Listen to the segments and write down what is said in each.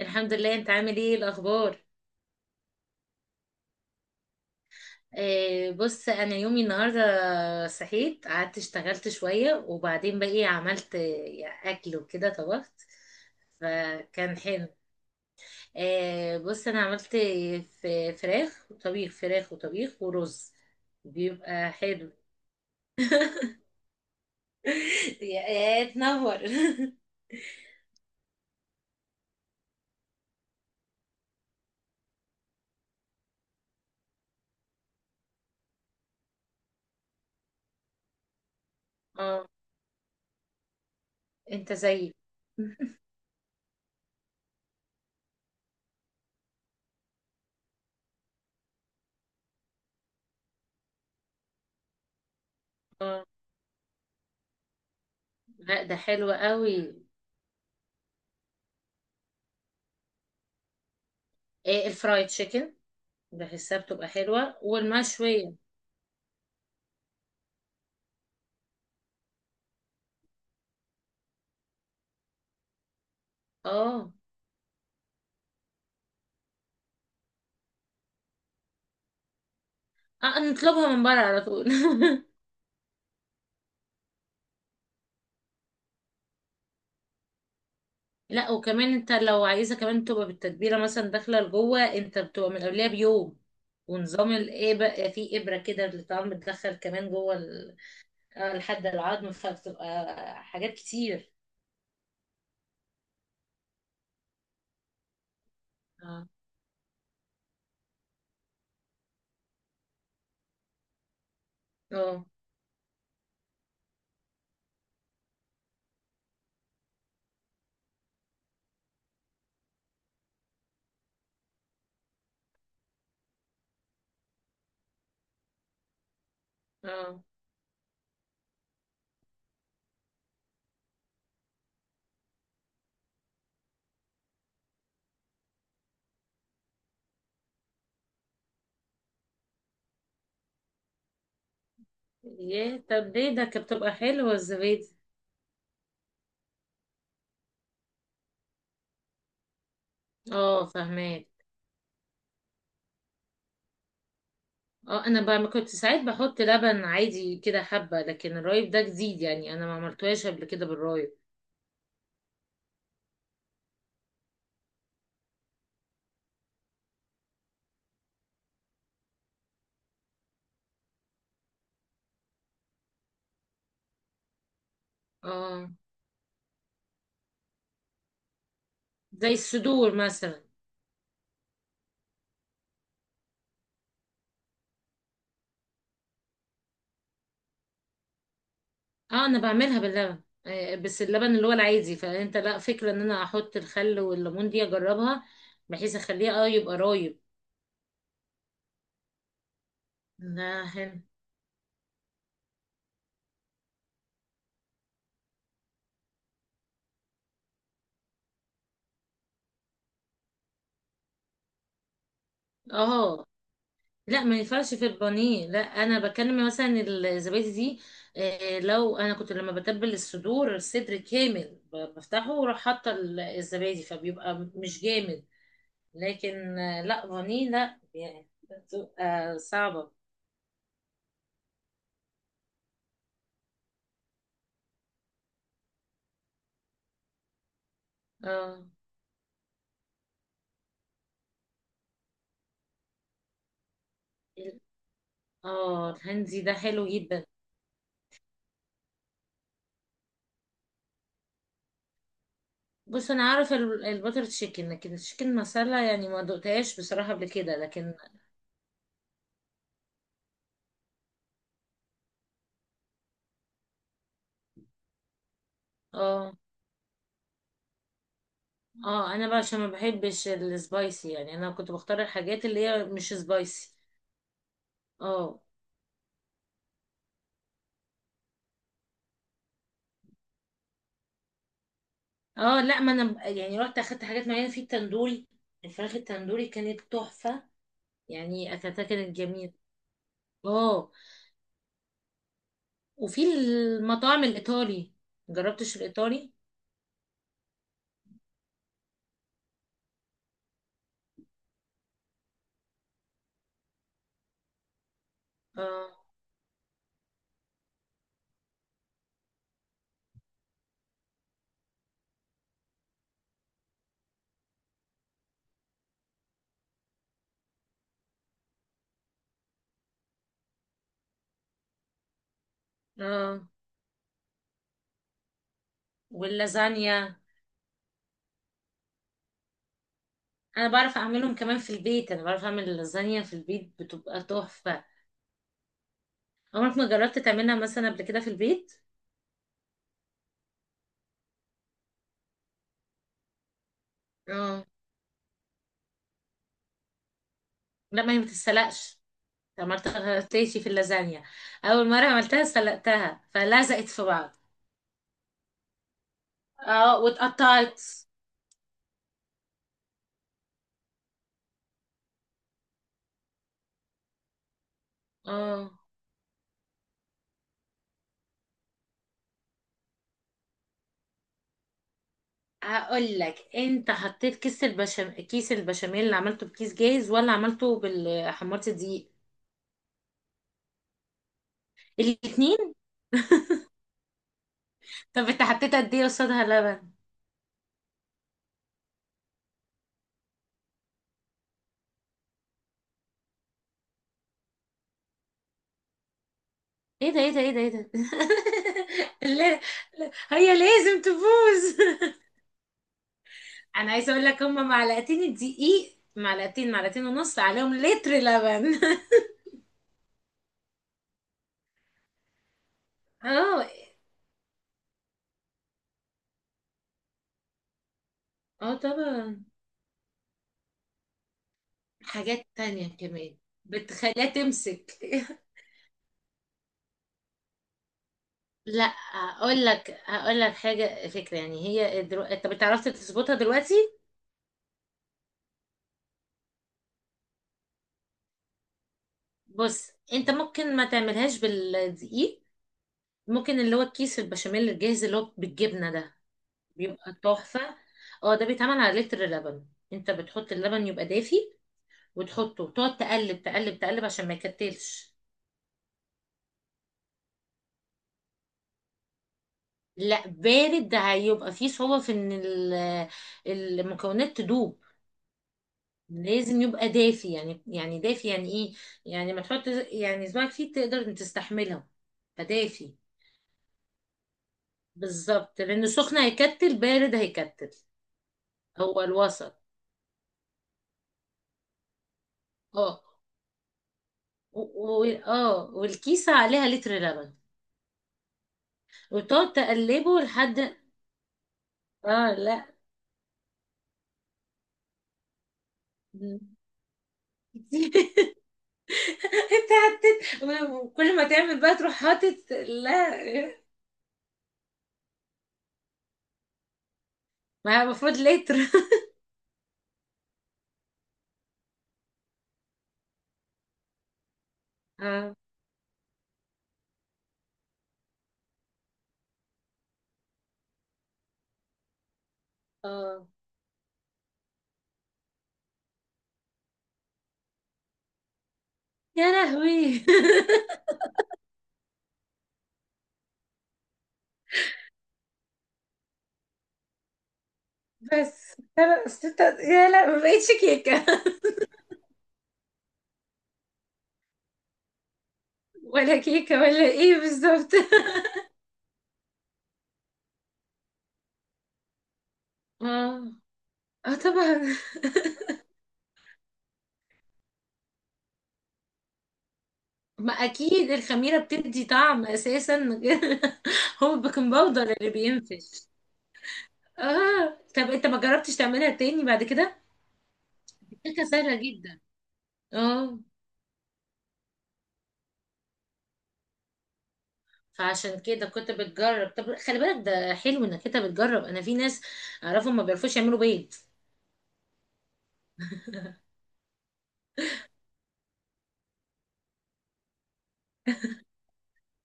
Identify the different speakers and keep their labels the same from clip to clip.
Speaker 1: الحمد لله، انت عامل ايه الاخبار؟ بص انا يومي النهارده صحيت، قعدت اشتغلت شويه، وبعدين بقى ايه عملت، اكل وكده، طبخت. فكان حلو. بص انا عملت ف- فراخ وطبيخ، فراخ وطبيخ ورز. بيبقى حلو. يا تنور. اه، انت زيي. اه، لا، ده حلو قوي. آه، الفرايد تشيكن. بحسها بتبقى حلوه، والمشويه. اه، اه، نطلبها من بره على طول. لا، وكمان انت لو عايزه كمان تبقى بالتتبيله مثلا داخله لجوه، انت بتبقى من قبلها بيوم. ونظام الابره، في ابره كده اللي طبعا بتدخل كمان جوه اه، لحد العظم فبتبقى حاجات كتير. اه، اه، اه. ياه، طب ليه ده؟ كانت بتبقى حلوه الزبادي. اه، فهماك. اه، انا بقى، ما كنت ساعات بحط لبن عادي كده حبه، لكن الرايب ده جديد، يعني انا ما عملتوهاش قبل كده بالرايب. اه، زي الصدور مثلا. اه، انا بعملها باللبن، بس اللبن اللي هو العادي، فانت لا فكرة ان انا احط الخل والليمون دي اجربها، بحيث اخليه، اه، يبقى رايب. لا، حلو. اه، لا، ما ينفعش في البانيه، لا، انا بكلم مثلا الزبادي دي، لو انا كنت لما بتبل الصدور الصدر كامل بفتحه، واروح حاطه الزبادي، فبيبقى مش جامد. لكن لا، بانيه لا، يعني بتبقى صعبة. اه، اه، الهندي ده حلو جدا. بص انا عارف البتر تشيكن، لكن التشيكن مسالة، يعني ما دقتهاش بصراحة قبل كده، لكن اه، اه، انا بقى عشان ما بحبش السبايسي، يعني انا كنت بختار الحاجات اللي هي مش سبايسي. اه، اه، لا، ما انا يعني رحت اخدت حاجات معينة في التندوري. الفراخ التندوري كانت تحفة، يعني اكلتها كانت جميلة. اه، وفي المطاعم الايطالي، مجربتش الايطالي. اه، اه، واللازانيا. انا بعرف اعملهم كمان في البيت، انا بعرف اعمل اللازانيا في البيت، بتبقى تحفة. عمرك ما جربت تعملها مثلا قبل كده في البيت؟ اه، لا، ما هي ما بتتسلقش. عملتها غلطتي في اللازانيا. اول مرة عملتها سلقتها، فلزقت في بعض. اه، واتقطعت. اه، هقول لك، انت حطيت كيس البشاميل اللي عملته بكيس جاهز ولا عملته بال حمرت دقيق؟ الاتنين. طب انت حطيت قد ايه قصادها لبن؟ ايه ده، ايه ده، ايه ده، ايه ده! لا، لا، هي لازم تفوز. انا عايزه اقول لك، هما معلقتين الدقيق، معلقتين، معلقتين ونص عليهم لتر لبن. اه، اه، طبعا، حاجات تانية كمان بتخليها تمسك. لا، اقول لك هقول لك حاجه فكره، يعني هي انت بتعرف تظبطها دلوقتي. بص، انت ممكن ما تعملهاش بالدقيق. ممكن اللي هو الكيس البشاميل الجاهز اللي هو بالجبنه ده بيبقى تحفة. اه، ده بيتعمل على لتر لبن. انت بتحط اللبن يبقى دافي، وتحطه وتقعد تقلب تقلب تقلب عشان ما يكتلش. لا، بارد ده هيبقى فيه صعوبة في ان المكونات تدوب. لازم يبقى دافي، يعني دافي، يعني ايه؟ يعني ما تحط، يعني صباعك فيه تقدر إن تستحملها. فدافي. بالظبط، لان سخن هيكتل، بارد هيكتل. هو الوسط. اه، اه، والكيسة عليها لتر لبن، وتقعد تقلبه لحد اه، لا. مم. كتير. انت حطيت، وكل ما تعمل بقى تروح حاطط، لا. ما هي المفروض لتر. اه، اه، يا لهوي! بس انا أصل يا، لا، ما بقتش كيكه! ولا كيكه ولا ايه بالظبط! اه، اه، طبعا. ما اكيد الخميره بتدي طعم اساسا. هو البيكنج باودر اللي بينفش. اه، طب انت ما جربتش تعملها تاني بعد كده؟ الكيكه سهله جدا. اه، فعشان كده كنت بتجرب. طب خلي بالك، ده حلو انك انت بتجرب. انا في ناس اعرفهم ما بيعرفوش يعملوا بيض.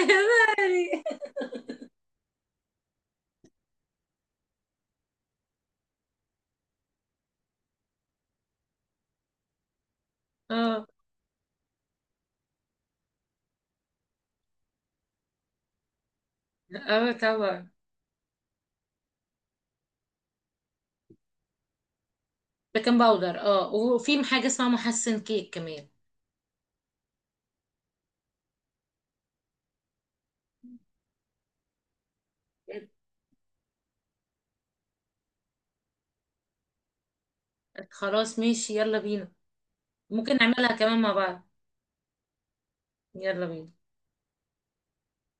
Speaker 1: يعني. اه، اه، طبعا. بيكنج باودر. اه، وفي حاجه اسمها محسن كيك كمان. خلاص، ماشي، يلا بينا. ممكن نعملها كمان مع بعض. يلا بينا.